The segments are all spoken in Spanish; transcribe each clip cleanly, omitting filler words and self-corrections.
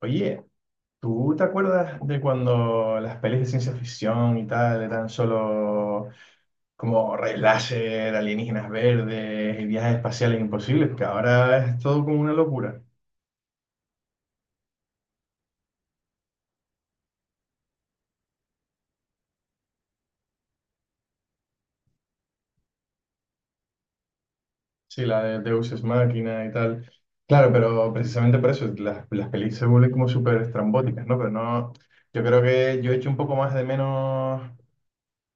Oye, ¿tú te acuerdas de cuando las pelis de ciencia ficción y tal eran solo como rayos láser, alienígenas verdes y viajes espaciales imposibles? Que ahora es todo como una locura. Sí, la de Deus Ex Machina y tal. Claro, pero precisamente por eso las pelis se vuelven como súper estrambóticas, ¿no? Pero no, yo creo que yo echo un poco más de menos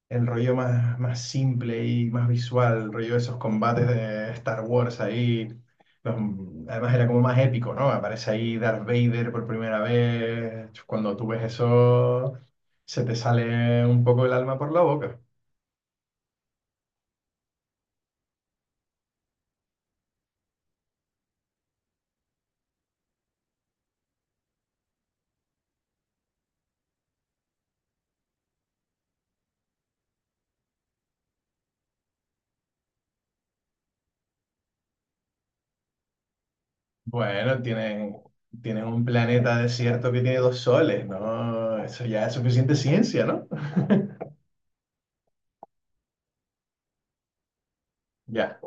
el rollo más simple y más visual, el rollo de esos combates de Star Wars ahí. los- Además era como más épico, ¿no? Aparece ahí Darth Vader por primera vez. Cuando tú ves eso, se te sale un poco el alma por la boca. Bueno, tienen un planeta desierto que tiene dos soles, ¿no? Eso ya es suficiente ciencia, ¿no? Ya,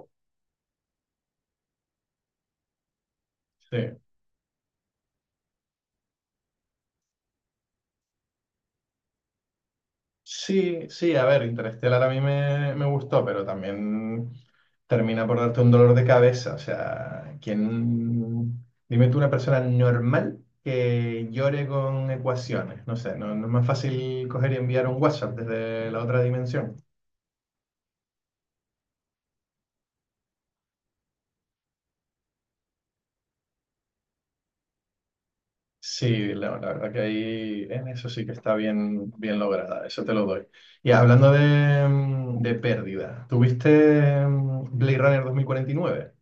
sí. Sí, sí, a ver, Interestelar a mí me gustó, pero también termina por darte un dolor de cabeza. O sea, ¿quién? Dime tú una persona normal que llore con ecuaciones. No sé, no, no es más fácil coger y enviar un WhatsApp desde la otra dimensión. Sí, la verdad que ahí en eso sí que está bien, bien lograda, eso te lo doy. Y hablando de, de pérdida, ¿tuviste Blade Runner 2049?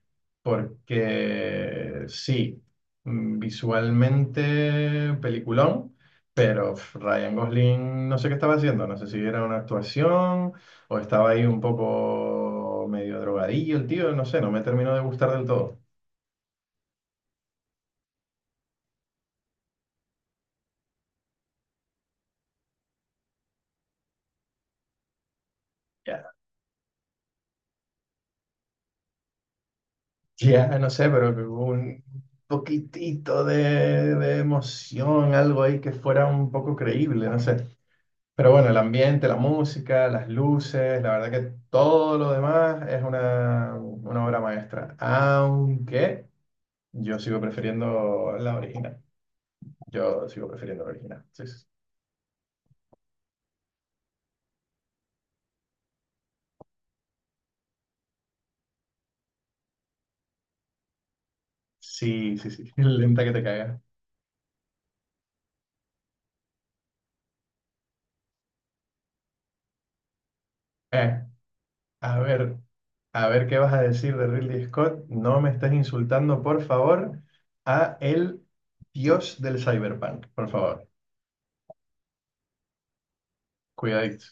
Porque sí, visualmente peliculón, pero pf, Ryan Gosling no sé qué estaba haciendo, no sé si era una actuación o estaba ahí un poco medio drogadillo el tío, no sé, no me terminó de gustar del todo. Ya, no sé, pero que hubo un poquitito de emoción, algo ahí que fuera un poco creíble, no sé. Pero bueno, el ambiente, la música, las luces, la verdad que todo lo demás es una obra maestra. Aunque yo sigo prefiriendo la original. Yo sigo prefiriendo la original. Sí, sí, sí, sí, sí. Lenta que te cagas. A ver, a ver qué vas a decir de Ridley Scott. No me estés insultando, por favor, a el dios del cyberpunk, por favor. Cuidadito.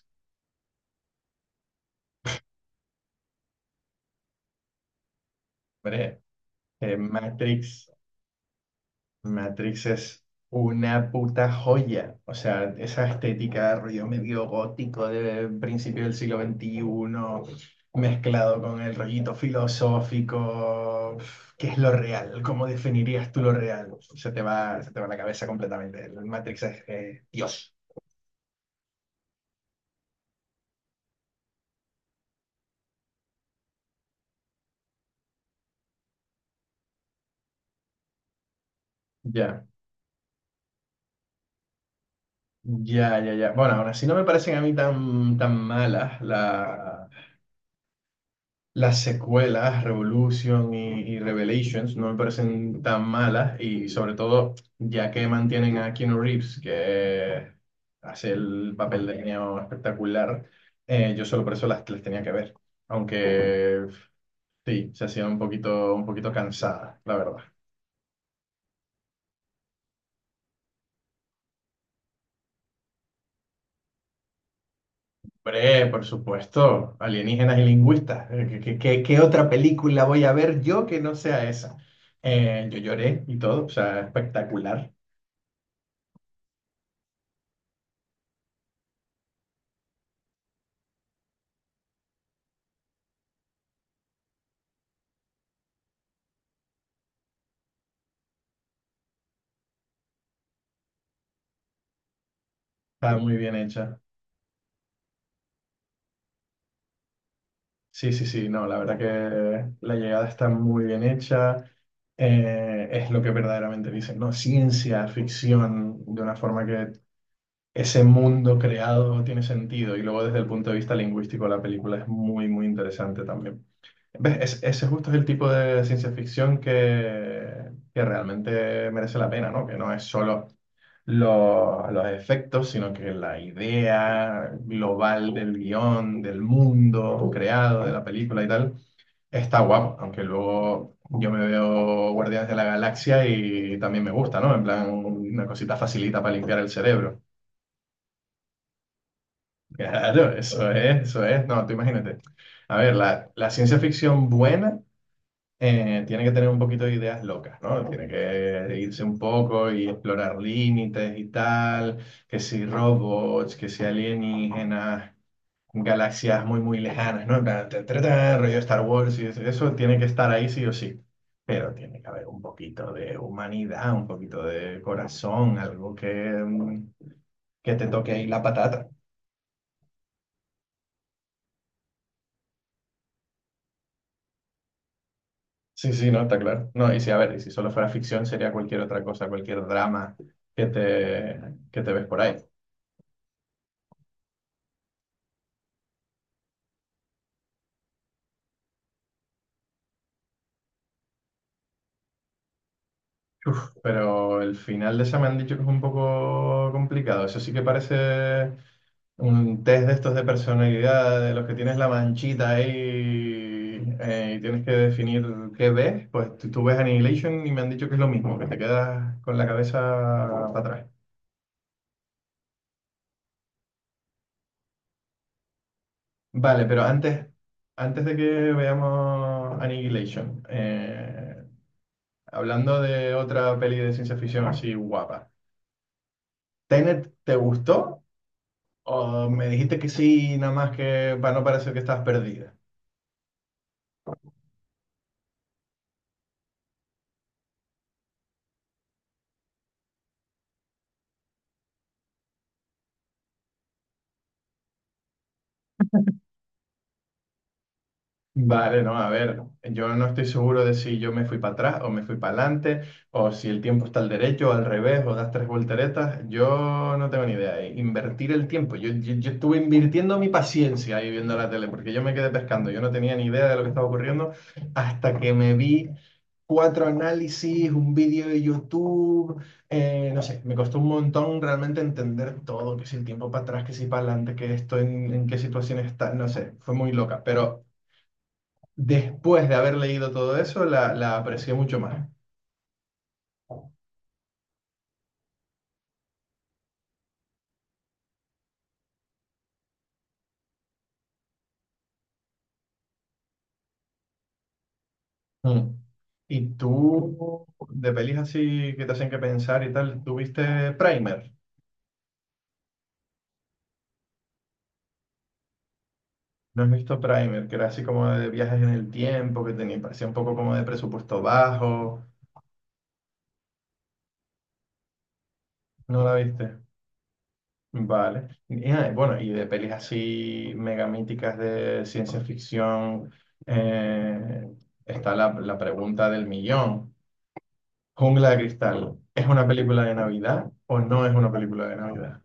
Hombre, Matrix. Matrix es una puta joya. O sea, esa estética, rollo medio gótico de principio del siglo veintiuno mezclado con el rollito filosófico. ¿Qué es lo real? ¿Cómo definirías tú lo real? Se te va la cabeza completamente. El Matrix es Dios. Ya, ya, ya, ya. Bueno, aún así no me parecen a mí tan, tan malas la las secuelas, Revolution y Revelations, no me parecen tan malas y sobre todo ya que mantienen a Keanu Reeves, que hace el papel de niño espectacular, yo solo por eso las tenía que ver, aunque sí, se hacían un poquito cansadas, la verdad. Hombre, por supuesto, alienígenas y lingüistas. Qué otra película voy a ver yo que no sea esa? Yo lloré y todo, o sea, espectacular, está muy bien hecha. Sí, sí, sí, no, la verdad que la llegada está muy bien hecha, es lo que verdaderamente dicen, ¿no? Ciencia, ficción, de una forma que ese mundo creado tiene sentido y luego desde el punto de vista lingüístico la película es muy, muy interesante también. ¿Ves? Ese justo es el tipo de ciencia ficción que realmente merece la pena, ¿no? Que no es solo los efectos, sino que la idea global del guión, del mundo creado, de la película y tal. Está guapo, aunque luego yo me veo Guardianes de la Galaxia y también me gusta, ¿no? En plan, una cosita facilita para limpiar el cerebro. Claro, eso es, eso es. No, tú imagínate. A ver, la ciencia ficción buena tiene que tener un poquito de ideas locas, ¿no? Tiene que irse un poco y explorar límites y tal, que si robots, que si alienígenas galaxias muy, muy lejanas, ¿no? En plan, ta, ta, ta, rollo Star Wars y eso tiene que estar ahí sí o sí. Pero tiene que haber un poquito de humanidad, un poquito de corazón, algo que que te toque ahí la patata. Sí, sí, no, está claro. No, y si, a ver, y si solo fuera ficción, sería cualquier otra cosa, cualquier drama que te, que te ves por ahí. Pero el final de esa me han dicho que es un poco complicado. Eso sí que parece un test de estos de personalidad, de los que tienes la manchita ahí y tienes que definir qué ves. Pues tú ves Annihilation y me han dicho que es lo mismo, que te quedas con la cabeza para atrás. Vale, pero antes, antes de que veamos Annihilation, hablando de otra peli de ciencia ficción así guapa, ¿Tenet te gustó? Oh, me dijiste que sí, nada más que para no parecer que estás perdida. Vale, no, a ver, yo no estoy seguro de si yo me fui para atrás o me fui para adelante, o si el tiempo está al derecho o al revés, o das tres volteretas, yo no tengo ni idea. Invertir el tiempo, yo estuve invirtiendo mi paciencia ahí viendo la tele, porque yo me quedé pescando, yo no tenía ni idea de lo que estaba ocurriendo hasta que me vi cuatro análisis, un vídeo de YouTube, no sé, me costó un montón realmente entender todo, que si el tiempo para atrás, que si para adelante, que esto en qué situación está, no sé, fue muy loca, pero... Después de haber leído todo eso, la aprecié mucho más. Mm. ¿Y tú, de pelis así que te hacen que pensar y tal, tuviste Primer? ¿No has visto Primer? Que era así como de viajes en el tiempo, que tenía, parecía un poco como de presupuesto bajo. ¿No la viste? Vale. Y, ah, bueno, y de pelis así mega míticas de ciencia ficción, eh, está la pregunta del millón. Jungla de Cristal, ¿es una película de Navidad o no es una película de Navidad?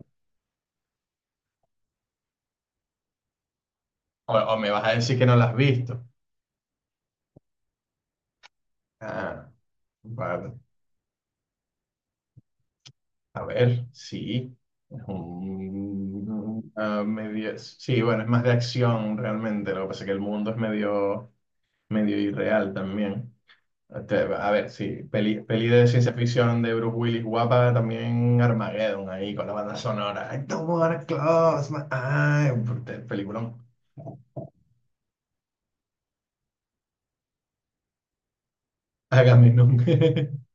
O me vas a decir que no la has visto. Ah, vale. A ver, sí. Es un, ah, medio, sí, bueno, es más de acción realmente. Lo que pasa es que el mundo es medio, medio irreal también. Este, a ver, sí, peli, peli de ciencia ficción de Bruce Willis guapa, también Armageddon ahí con la banda sonora. I don't wanna close my eyes. Peliculón. Hágame nunca.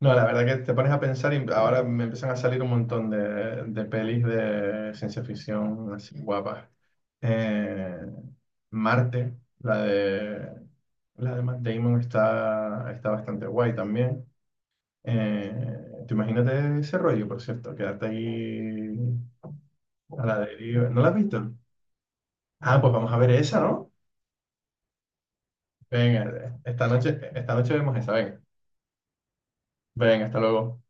No, la verdad que te pones a pensar y ahora me empiezan a salir un montón de pelis de ciencia ficción así guapas. Eh, Marte, la de Matt Damon está bastante guay también. Eh, te imagínate ese rollo, por cierto, quedarte ahí a la deriva. ¿No la has visto? Ah, pues vamos a ver esa, ¿no? Venga, esta noche vemos esa, venga. Venga, hasta luego.